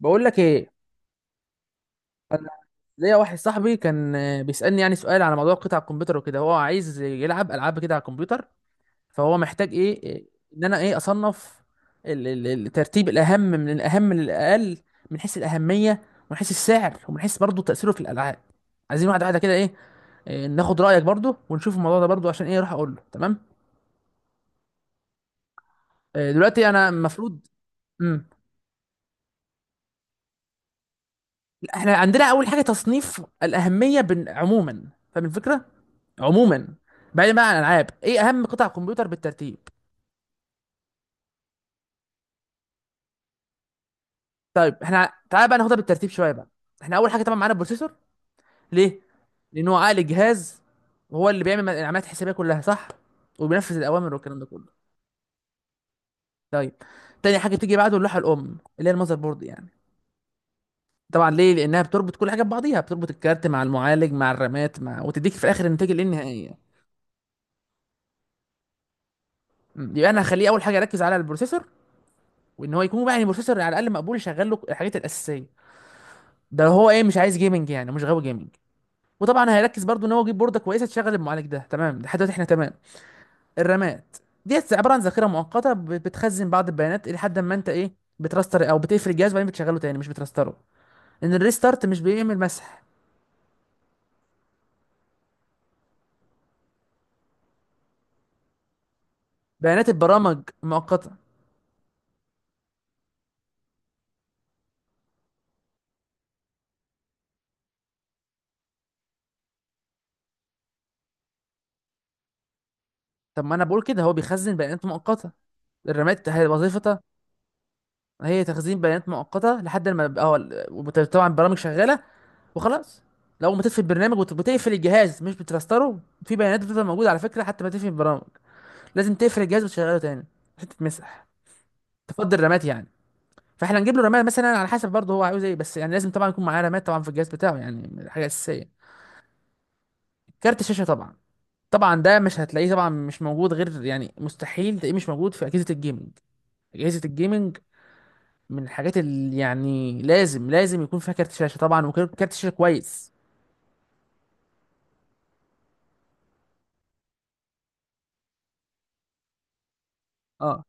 بقول لك ايه. انا ليا واحد صاحبي كان بيسالني يعني سؤال على موضوع قطع الكمبيوتر وكده. هو عايز يلعب العاب كده على الكمبيوتر، فهو محتاج ايه إيه، ان انا ايه اصنف الترتيب الاهم من الاهم للاقل، من حيث الاهميه ومن حيث السعر ومن حيث برضه تاثيره في الالعاب. عايزين واحده واحده كده ايه إيه، ناخد رايك برضه ونشوف الموضوع ده برضه عشان ايه اروح اقول له تمام. دلوقتي انا المفروض امم احنا عندنا اول حاجه تصنيف الاهميه عموما، فاهم الفكره. عموما، بعيدا بقى عن الالعاب، ايه اهم قطع كمبيوتر بالترتيب؟ طيب احنا تعالى بقى ناخدها بالترتيب شويه بقى. احنا اول حاجه طبعا معانا البروسيسور. ليه؟ لان هو عقل الجهاز، هو اللي بيعمل العمليات الحسابيه كلها صح، وبينفذ الاوامر والكلام ده كله. طيب، تاني حاجه بتيجي بعده اللوحه الام اللي هي المذر بورد يعني. طبعا ليه؟ لانها بتربط كل حاجه ببعضيها، بتربط الكارت مع المعالج مع الرامات مع، وتديك في الاخر النتيجه النهائيه. يبقى انا هخليه اول حاجه اركز على البروسيسور، وان هو يكون بقى يعني بروسيسور على الاقل مقبول يشغل له الحاجات الاساسيه. ده هو ايه مش عايز جيمنج يعني مش غاوي جيمنج. وطبعا هيركز برضو ان هو يجيب بورده كويسه تشغل المعالج ده. تمام لحد دلوقتي احنا تمام. الرامات ديت عباره عن ذاكره مؤقته بتخزن بعض البيانات لحد ما انت ايه بتراستر او بتقفل الجهاز وبعدين بتشغله تاني مش بتراستره، لان الريستارت مش بيعمل مسح بيانات البرامج مؤقته. طب ما انا بقول كده، هو بيخزن بيانات مؤقته. الرامات هي وظيفتها، هي تخزين بيانات مؤقته لحد ما اه، وطبعا البرامج شغاله وخلاص. لو ما تقفل البرنامج وتقفل الجهاز مش بتفلستره، في بيانات بتفضل موجوده على فكره حتى ما تقفل البرامج، لازم تقفل الجهاز وتشغله تاني عشان تتمسح، تفضي الرامات يعني. فاحنا نجيب له رامات مثلا على حسب برضه هو عاوز ايه، بس يعني لازم طبعا يكون معاه رامات طبعا في الجهاز بتاعه، يعني حاجه اساسيه. كارت الشاشه طبعا، طبعا ده مش هتلاقيه طبعا مش موجود، غير يعني مستحيل تلاقيه مش موجود في اجهزه الجيمنج. اجهزه الجيمنج من الحاجات اللي يعني لازم يكون فيها كارت شاشه طبعا، وكارت شاشه كويس. اه،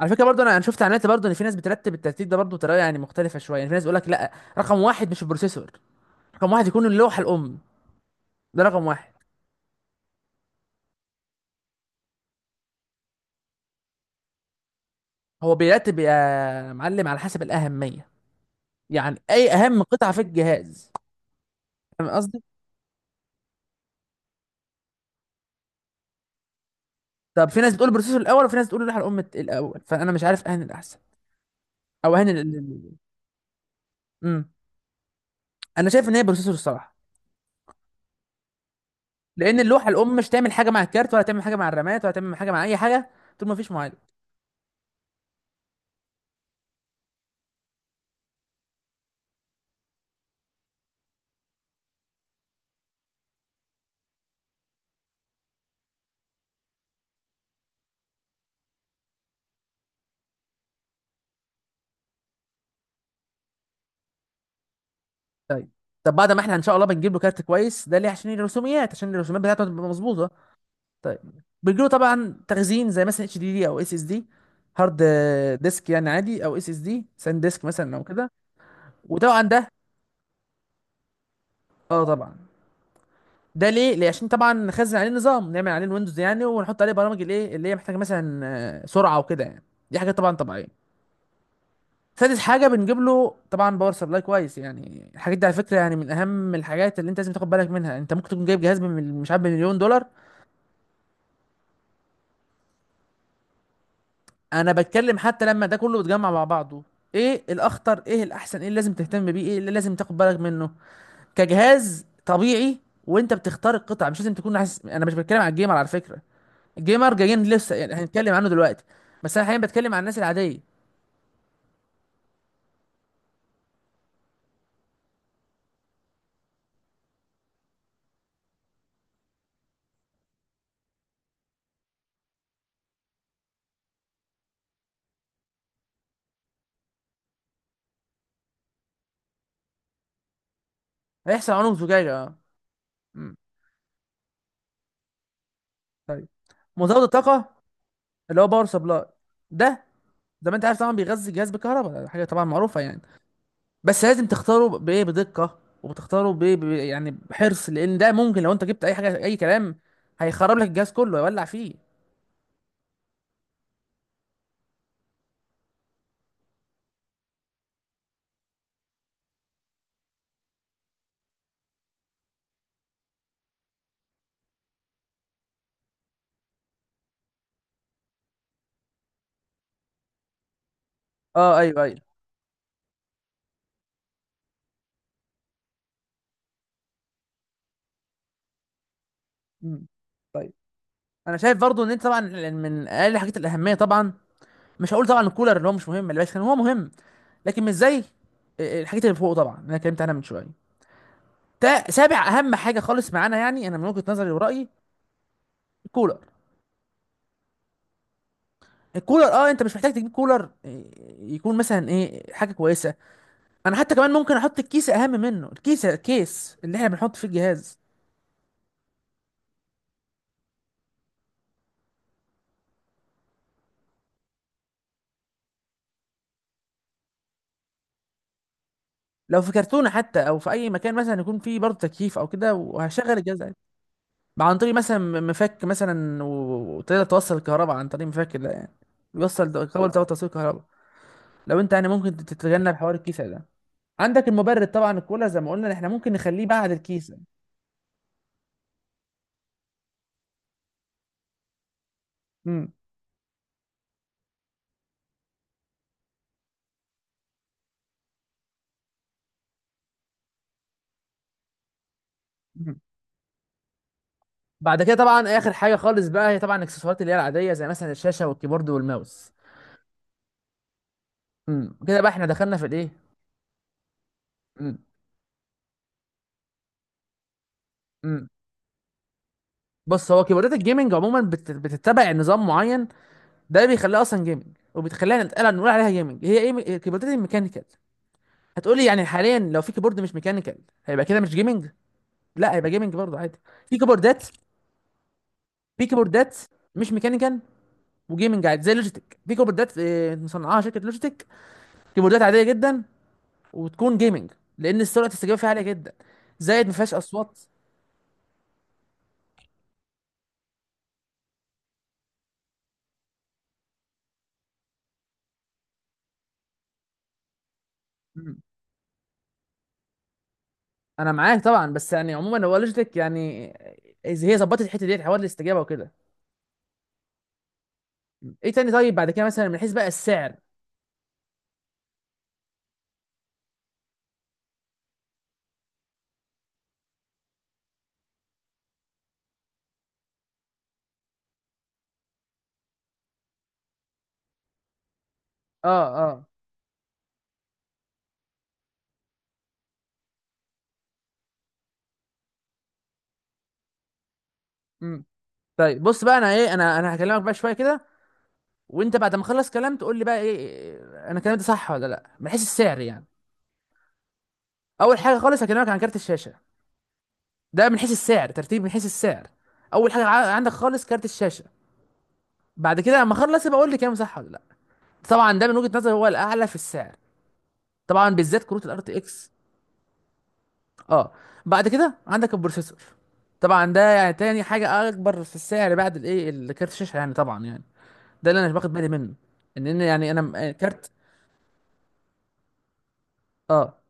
على فكره برضه انا شفت اعلانات برضه ان في ناس بترتب الترتيب ده برضه بطريقه يعني مختلفه شويه. يعني في ناس بيقول لك لا، رقم واحد مش البروسيسور، رقم واحد يكون اللوحه الام، ده رقم واحد. هو بيرتب يا معلم على حسب الاهميه، يعني اي اهم قطعه في الجهاز، فاهم قصدي؟ طب في ناس بتقول البروسيسور الاول، وفي ناس بتقول اللوحه الام الاول، فانا مش عارف اهن الاحسن او اهن امم، انا شايف ان هي بروسيسور الصراحه. لان اللوحه الام مش تعمل حاجه مع الكارت، ولا تعمل حاجه مع الرامات، ولا تعمل حاجه مع اي حاجه طول ما فيش معالج. طيب. طب بعد ما احنا ان شاء الله بنجيب له كارت كويس، ده ليه؟ عشان الرسوميات، عشان الرسوميات بتاعته تبقى مظبوطه. طيب، بيجي له طبعا تخزين، زي مثلا اتش دي دي او اس اس دي، هارد ديسك يعني عادي، او اس اس دي ساند ديسك مثلا او كده. وطبعا ده اه طبعا ده ليه؟ ليه عشان طبعا نخزن عليه نظام، نعمل عليه الويندوز يعني، ونحط عليه برامج الايه اللي هي محتاجه مثلا سرعه وكده يعني. دي حاجه طبعا طبيعيه. سادس حاجه بنجيب له طبعا باور سبلاي كويس. يعني الحاجات دي على فكره يعني من اهم الحاجات اللي انت لازم تاخد بالك منها. انت ممكن تكون جايب جهاز مش عارف بمليون دولار، انا بتكلم حتى لما ده كله بيتجمع مع بعضه، ايه الاخطر، ايه الاحسن، ايه اللي لازم تهتم بيه، ايه اللي لازم تاخد بالك منه كجهاز طبيعي وانت بتختار القطع، مش لازم تكون حاسس. انا مش بتكلم عن الجيمر على فكره، الجيمر جايين لسه يعني هنتكلم عنه دلوقتي، بس انا حاليا بتكلم عن الناس العاديه. هيحصل عنهم زجاجه اه. أمم، طيب. مزود الطاقه اللي هو باور سبلاي ده، زي ما انت عارف طبعا بيغذي الجهاز بالكهرباء، حاجه طبعا معروفه يعني. بس لازم تختاره بايه بدقه، وبتختاره يعني بحرص، لان ده ممكن لو انت جبت اي حاجه اي كلام، هيخرب لك الجهاز كله هيولع فيه. اه ايوه ايوه. مم. طيب. انا شايف برضو ان انت طبعا يعني من اقل الحاجات الاهميه طبعا، مش هقول طبعا الكولر اللي هو مش مهم، اللي بس هو مهم، لكن مش زي الحاجات اللي فوق طبعا اللي انا اتكلمت عنها من شويه. سابع اهم حاجه خالص معانا يعني، انا من وجهه نظري ورايي، الكولر. الكولر اه انت مش محتاج تجيب كولر يكون مثلا ايه حاجه كويسه. انا حتى كمان ممكن احط الكيس اهم منه، الكيس، الكيس اللي احنا بنحط فيه الجهاز. لو في كرتونه حتى، او في اي مكان مثلا يكون فيه برضه تكييف او كده، وهشغل الجهاز عادي، عن طريق مثلا مفك مثلا، وتقدر توصل الكهرباء عن طريق مفك ده يعني، بيوصل كابل ده توصيل الكهرباء. لو انت يعني ممكن تتجنب حوار الكيس ده. عندك المبرد طبعا، الكولر زي ما قلنا احنا ممكن نخليه بعد الكيس. امم أمم. بعد كده طبعا اخر حاجه خالص بقى هي طبعا الاكسسوارات اللي هي العاديه، زي مثلا الشاشه والكيبورد والماوس. امم، كده بقى احنا دخلنا في الايه. امم، بص هو كيبوردات الجيمنج عموما بتتبع نظام معين، ده بيخليها اصلا جيمنج وبتخلينا نتقال نقول عليها جيمنج. هي ايه كيبوردات الميكانيكال. هتقولي يعني حاليا لو في كيبورد مش ميكانيكال هيبقى كده مش جيمنج؟ لا، هيبقى جيمنج برضه عادي. في كيبوردات في كيبوردات مش ميكانيكال وجيمنج عادي، زي لوجيتك. في كيبوردات مصنعاها شركه لوجيتك، كيبوردات عاديه جدا، وتكون جيمنج، لان سرعه الاستجابه فيها عاليه جدا، زائد ما فيهاش اصوات. مم. انا معاك طبعا، بس يعني عموما هو لوجيتك يعني إذا هي ظبطت الحته ديت حوار الاستجابه وكده. ايه تاني؟ طيب بعد كده مثلا من حيث بقى السعر. اه اه. امم، طيب بص بقى. انا ايه انا انا هكلمك بقى شويه كده، وانت بعد ما اخلص كلام تقول لي بقى ايه إيه، انا كلامي ده صح ولا لا، من حيث السعر يعني. اول حاجه خالص هكلمك عن كارت الشاشه، ده من حيث السعر، ترتيب من حيث السعر. اول حاجه عندك خالص كارت الشاشه. بعد كده لما اخلص يبقى قول لي كام صح ولا لا. طبعا ده من وجهه نظري هو الاعلى في السعر، طبعا بالذات كروت الار تي اكس. اه. بعد كده عندك البروسيسور، طبعا ده يعني تاني حاجه اكبر في السعر بعد الايه الكارت الشاشه يعني طبعا يعني، ده اللي انا باخد بالي منه، ان ان يعني انا م- آه، كارت. اه.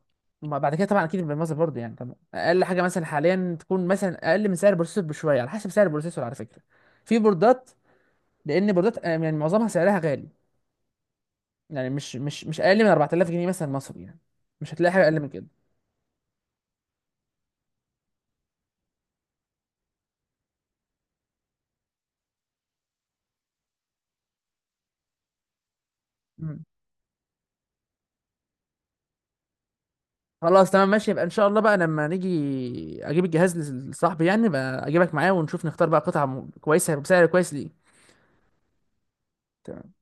ما بعد كده طبعا اكيد بالمصدر برضه يعني، طبعا اقل حاجه مثلا حاليا تكون مثلا اقل من سعر البروسيسور بشويه على حسب سعر البروسيسور على فكره. في بوردات، لان بوردات يعني معظمها سعرها غالي، يعني مش اقل من 4000 جنيه مثلا مصري يعني، مش هتلاقي حاجه اقل من كده. مم. خلاص تمام ماشي، يبقى ان شاء الله بقى لما نيجي اجيب الجهاز لصاحبي يعني بقى، اجيبك معايا ونشوف نختار بقى قطعه كويسه بسعر كويس ليه. تمام.